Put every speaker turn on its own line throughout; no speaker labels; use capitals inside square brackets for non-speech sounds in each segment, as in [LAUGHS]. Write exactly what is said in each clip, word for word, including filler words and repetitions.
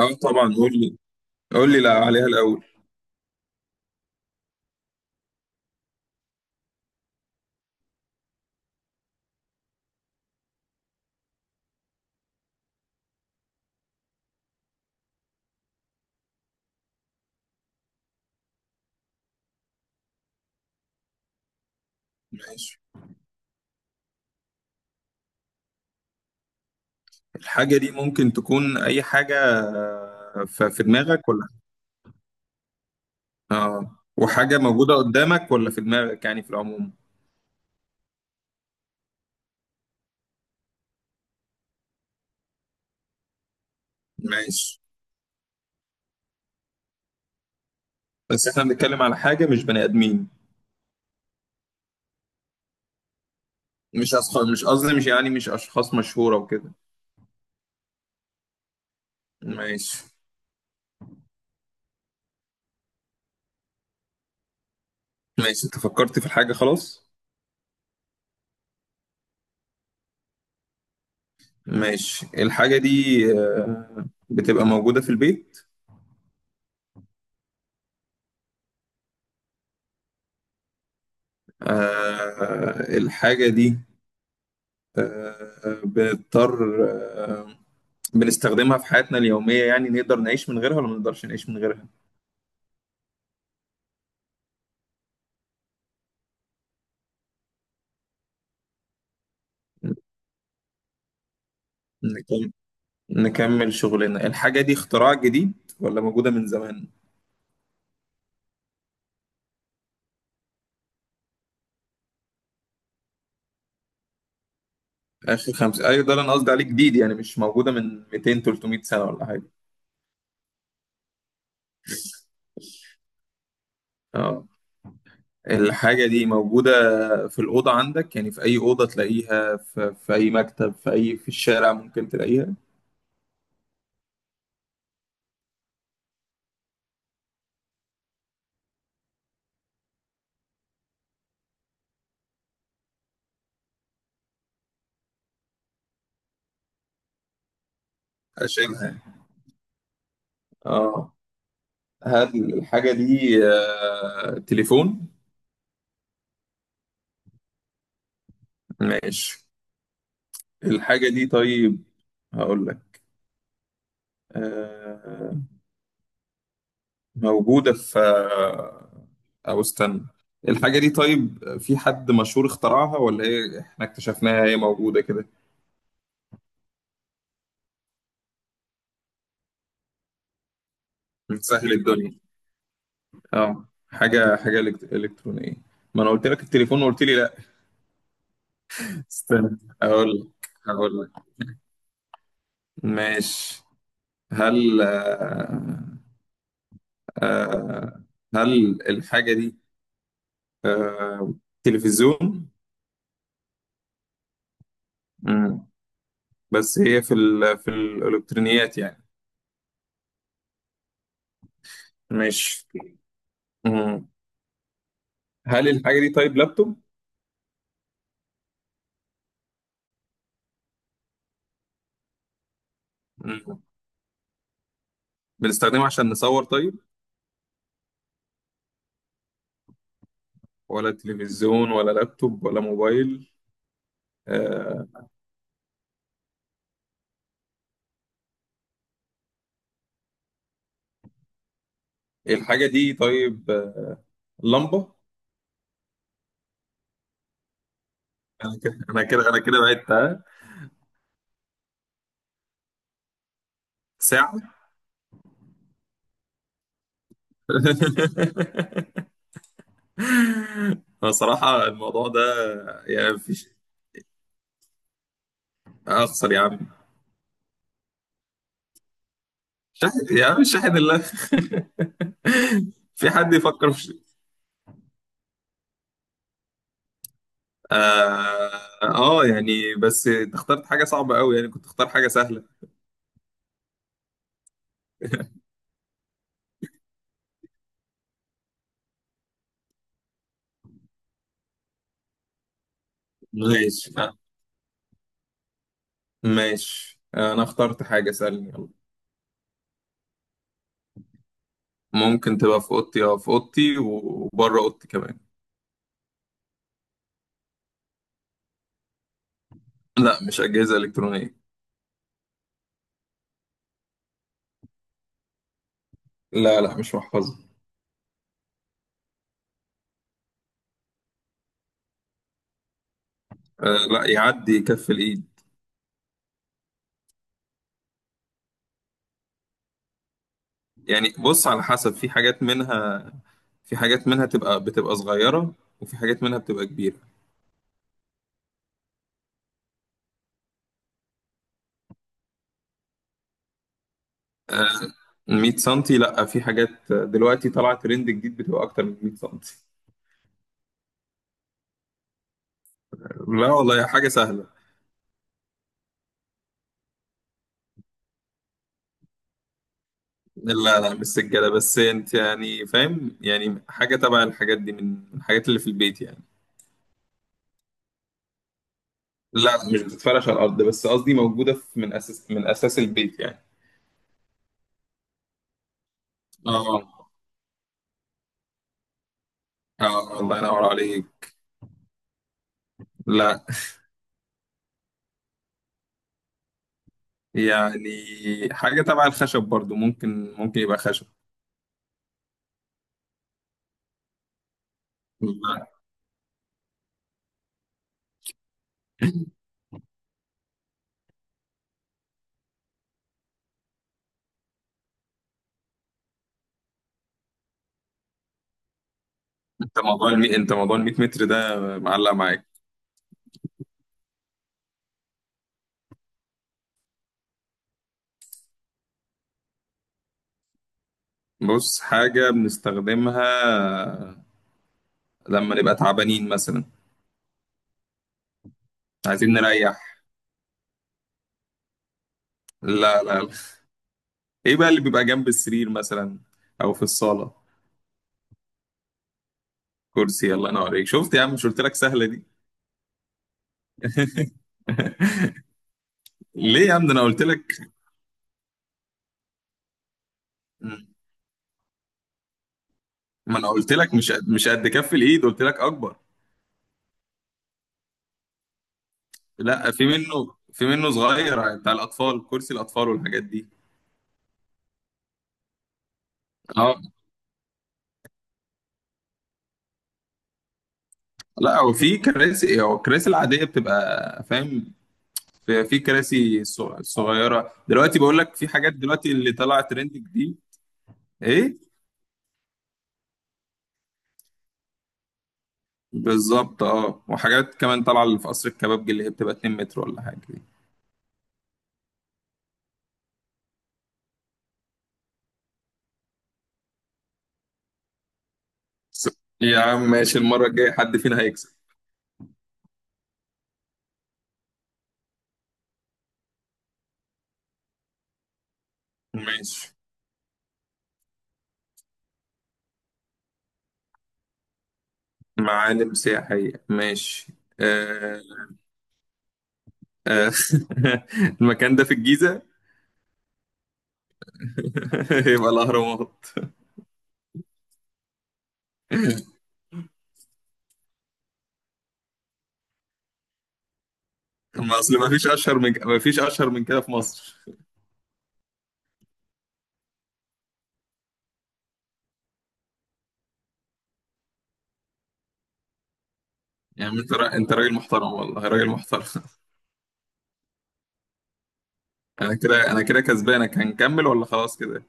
اه، طبعا قول لي. قول لي لا عليها الاول. ماشي، الحاجه دي ممكن تكون اي حاجه آه، ف- في دماغك، ولا اه وحاجه موجوده قدامك ولا في دماغك، يعني في العموم؟ ماشي. بس احنا بنتكلم على حاجه مش بني ادمين، مش أشخاص، مش قصدي مش يعني مش اشخاص مشهوره وكده. ماشي. ماشي، انت فكرت في الحاجه خلاص. ماشي، الحاجه دي آه، بتبقى موجوده في البيت؟ آه، الحاجه دي آه، آه، بنضطر آه، بنستخدمها في حياتنا اليومية، يعني نقدر نعيش من غيرها ولا ما نقدرش نعيش من غيرها؟ نكم- نكمل شغلنا. الحاجة دي اختراع جديد ولا موجودة من زمان؟ آخر خمسة، أيوة ده اللي أنا قصدي عليه، جديد يعني مش موجودة من مئتين تلتمية سنة ولا حاجة. اه، الحاجة دي موجودة في الأوضة عندك، يعني في أي أوضة تلاقيها، في, في أي مكتب، في أي في الشارع ممكن تلاقيها، أشيلها. اه، هل الحاجة دي آه، تليفون؟ ماشي، الحاجة دي طيب. هقول لك. آه، موجودة في أو استنى. الحاجة دي طيب، في حد مشهور اخترعها ولا هي احنا اكتشفناها؟ هي موجودة كده بتسهل الدنيا. اه، حاجة حاجة إلكت- إلكترونية. ما أنا قلت لك التليفون وقلت لي لا. استنى، هقول لك هقول لك. ماشي، هل آه، آه، هل الحاجة دي آه، تلفزيون؟ مم. بس هي في ال في الالكترونيات يعني، مش. مم. هل الحاجه دي طيب لابتوب؟ مم. بنستخدمها عشان نصور طيب، ولا تلفزيون ولا لابتوب ولا موبايل؟ آه. الحاجه دي طيب آه. لمبه. انا كده انا كده انا كده بعدت، ها؟ ساعه. [LAUGHS] أنا صراحه الموضوع ده يعني مفيش. اخسر يا عم. شاهد يا عم، شاهد الله. [LAUGHS] في حد يفكر في اه آه، يعني، بس انت اخترت حاجة صعبة قوي، يعني كنت اختار حاجة سهلة. ماشي. آه. ماشي، انا اخترت حاجة سهلة، يلا. ممكن تبقى في اوضتي، اه في اوضتي وبره اوضتي كمان. لا، مش أجهزة إلكترونية. لا، لا، مش محفظة. آه لا، يعدي كف الإيد. يعني بص، على حسب، في حاجات منها، في حاجات منها تبقى بتبقى صغيرة، وفي حاجات منها بتبقى كبيرة. آه، مية سنتي؟ لا، في حاجات دلوقتي طلعت ترند جديد بتبقى أكتر من مية سنتي. لا والله، حاجة سهلة. لا، لا، مش سجادة، بس انت يعني فاهم، يعني حاجة تبع الحاجات دي، من من الحاجات اللي في البيت يعني. لا، لا، مش بتتفرش على الأرض، بس قصدي موجودة في من أساس من أساس البيت يعني. اه، اه، الله ينور عليك. لا يعني حاجة تبع الخشب برضو، ممكن ممكن يبقى خشب. لا، انت موضوع المي... انت موضوع ال مية متر ده معلق معاك. بص، حاجة بنستخدمها لما نبقى تعبانين مثلا، عايزين نريح. لا، لا، ايه بقى اللي بيبقى جنب السرير مثلا، او في الصاله؟ كرسي. يلا، انا اوريك. شفت يا عم؟ مش قلت لك سهله دي؟ [LAUGHS] ليه يا عم؟ ده انا قلت لك. ما انا قلت لك مش قد- مش قد كف الايد، قلت لك اكبر. لا، في منه في منه صغير بتاع الاطفال، كرسي الاطفال والحاجات دي. اه، لا هو في كراسي هو الكراسي العاديه بتبقى، فاهم؟ في في كراسي ص- صغيره دلوقتي، بقول لك في حاجات دلوقتي اللي طلعت ترند جديد. ايه، بالظبط، اه وحاجات كمان طالعه اللي في قصر الكبابجي، اللي هي بتبقى اتنين متر متر ولا حاجه دي. بس- يا عم ماشي، المره الجايه حد فينا هيكسب. ماشي، معالم سياحيه ماشي. آه، آه. [LAUGHS] المكان ده في الجيزه؟ [LAUGHS] يبقى الاهرامات. ما اصل ما فيش اشهر من، ما فيش اشهر من كده في مصر. يعني انت را... انت راجل محترم، والله راجل محترم. [LAUGHS] انا كده انا كده كسبانك، هنكمل ولا خلاص كده؟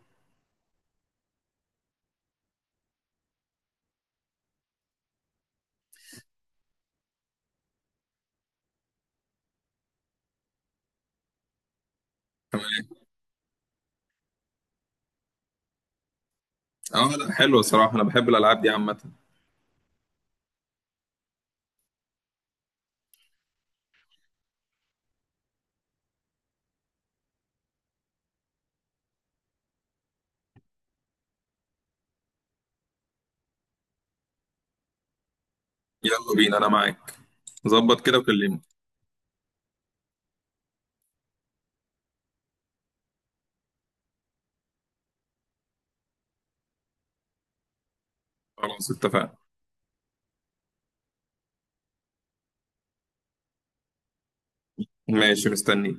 تمام. اه لا، حلو الصراحه، انا بحب الالعاب دي عامه. يلا بينا، انا معاك. ظبط كده وكلمني. خلاص اتفقنا. ماشي، مستني.